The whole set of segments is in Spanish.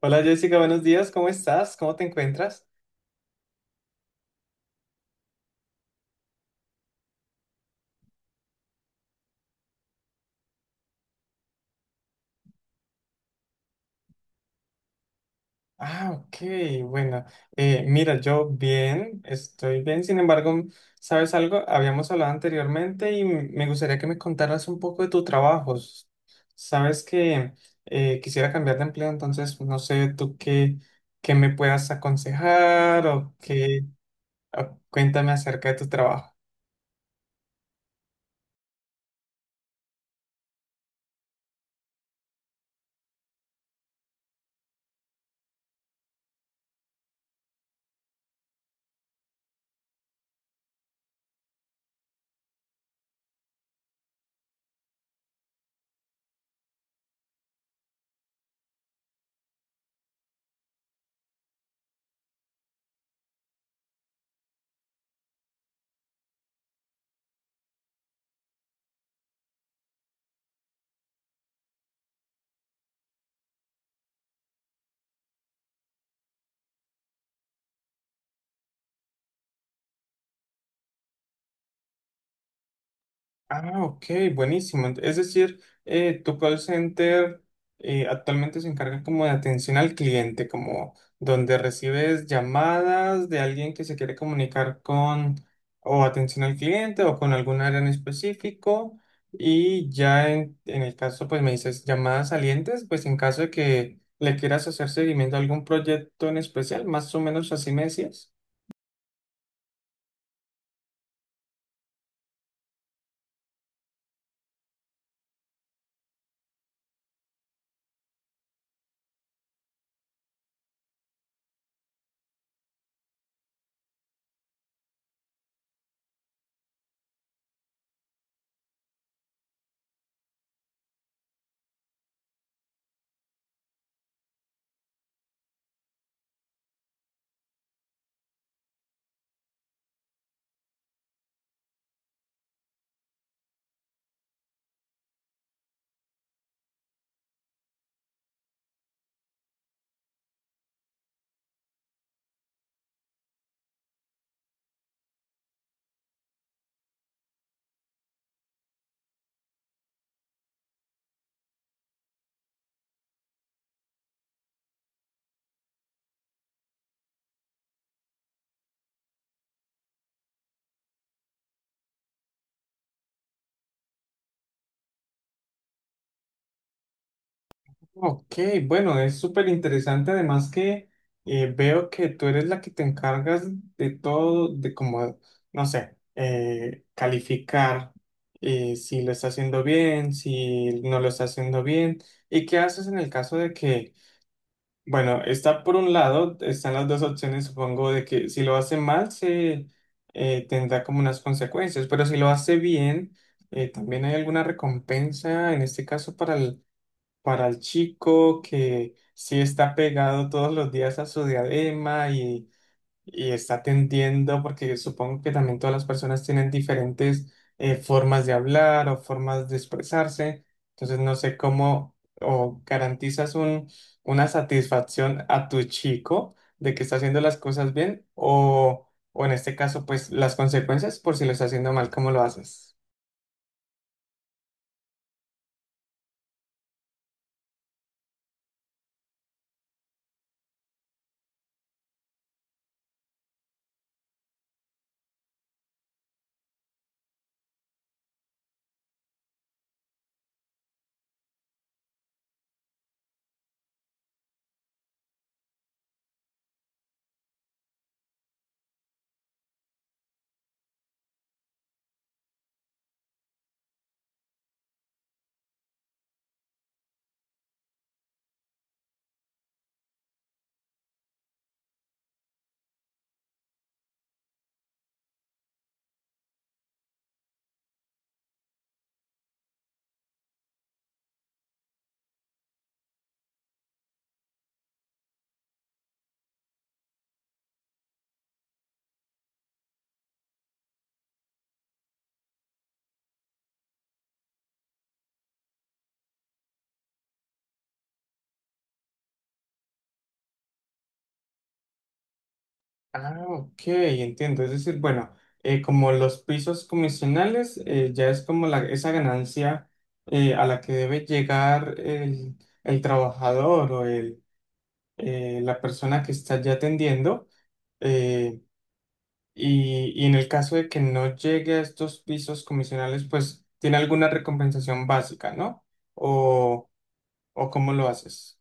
Hola Jessica, buenos días, ¿cómo estás? ¿Cómo te encuentras? Ah, ok, bueno, mira, yo bien, estoy bien, sin embargo, ¿sabes algo? Habíamos hablado anteriormente y me gustaría que me contaras un poco de tu trabajo. Sabes que quisiera cambiar de empleo, entonces no sé tú qué me puedas aconsejar o qué, o cuéntame acerca de tu trabajo. Ah, ok, buenísimo. Es decir, tu call center actualmente se encarga como de atención al cliente, como donde recibes llamadas de alguien que se quiere comunicar con o atención al cliente o con algún área en específico. Y ya en el caso, pues me dices llamadas salientes, pues en caso de que le quieras hacer seguimiento a algún proyecto en especial, más o menos así me decías. Ok, bueno, es súper interesante. Además que veo que tú eres la que te encargas de todo, de como, no sé, calificar si lo está haciendo bien, si no lo está haciendo bien. ¿Y qué haces en el caso de que, bueno, está por un lado, están las dos opciones, supongo, de que si lo hace mal se tendrá como unas consecuencias, pero si lo hace bien, también hay alguna recompensa en este caso para el chico que sí está pegado todos los días a su diadema y está atendiendo, porque supongo que también todas las personas tienen diferentes formas de hablar o formas de expresarse, entonces no sé cómo o garantizas un, una satisfacción a tu chico de que está haciendo las cosas bien o en este caso pues las consecuencias por si lo está haciendo mal, ¿cómo lo haces? Ah, ok, entiendo. Es decir, bueno, como los pisos comisionales, ya es como la, esa ganancia a la que debe llegar el trabajador o el, la persona que está ya atendiendo. eh, y en el caso de que no llegue a estos pisos comisionales, pues tiene alguna recompensación básica, ¿no? O, o ¿cómo lo haces?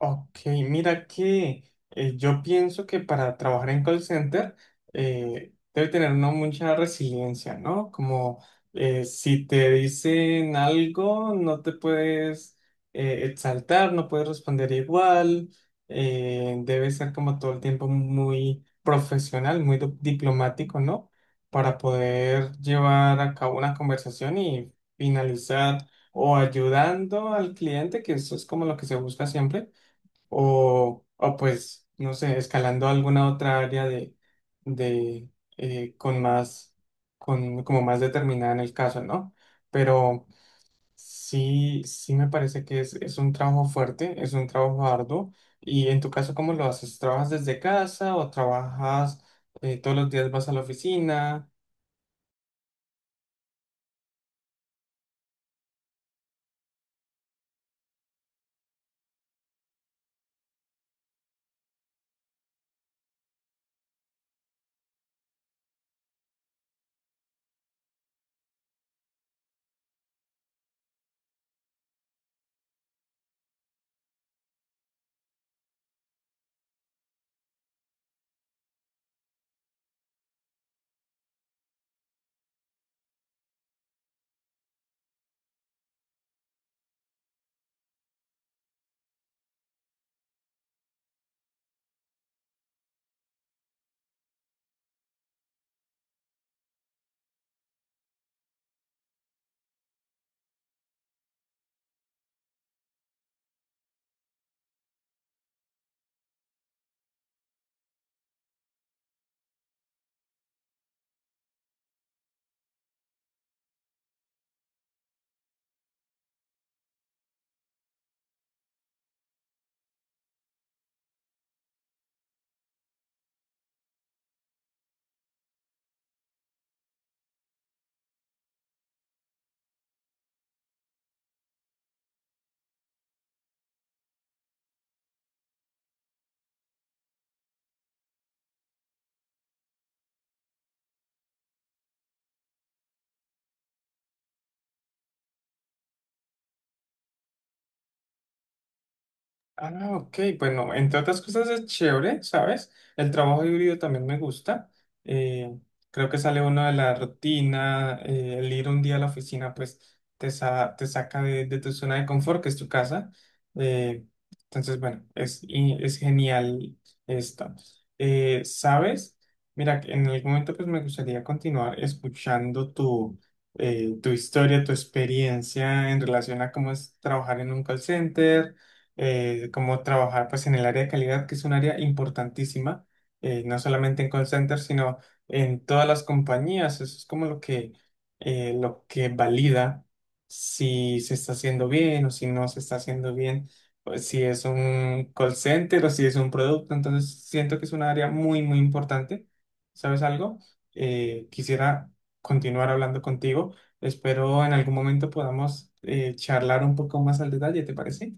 Ok, mira que yo pienso que para trabajar en call center debe tener uno mucha resiliencia, ¿no? Como si te dicen algo, no te puedes exaltar, no puedes responder igual, debe ser como todo el tiempo muy profesional, muy diplomático, ¿no? Para poder llevar a cabo una conversación y finalizar o ayudando al cliente, que eso es como lo que se busca siempre o pues, no sé, escalando alguna otra área de, de con más, con, como más determinada en el caso, ¿no? Pero sí, sí me parece que es un trabajo fuerte, es un trabajo arduo. Y en tu caso, ¿cómo lo haces? ¿Trabajas desde casa o trabajas todos los días vas a la oficina? Ah, ok, bueno, entre otras cosas es chévere, ¿sabes? El trabajo híbrido también me gusta. eh, Creo que sale uno de la rutina, el ir un día a la oficina, pues te saca de tu zona de confort, que es tu casa. eh, entonces, bueno, es, y es genial esto. ¿Sabes? Mira, que en algún momento pues me gustaría continuar escuchando tu, tu historia, tu experiencia en relación a cómo es trabajar en un call center como trabajar pues en el área de calidad, que es un área importantísima, no solamente en call center, sino en todas las compañías. Eso es como lo que valida si se está haciendo bien o si no se está haciendo bien, o si es un call center o si es un producto. Entonces siento que es un área muy, muy importante. ¿Sabes algo? Quisiera continuar hablando contigo. Espero en algún momento podamos charlar un poco más al detalle, ¿te parece?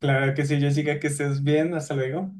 Claro que sí, Jessica, que estés bien, hasta luego.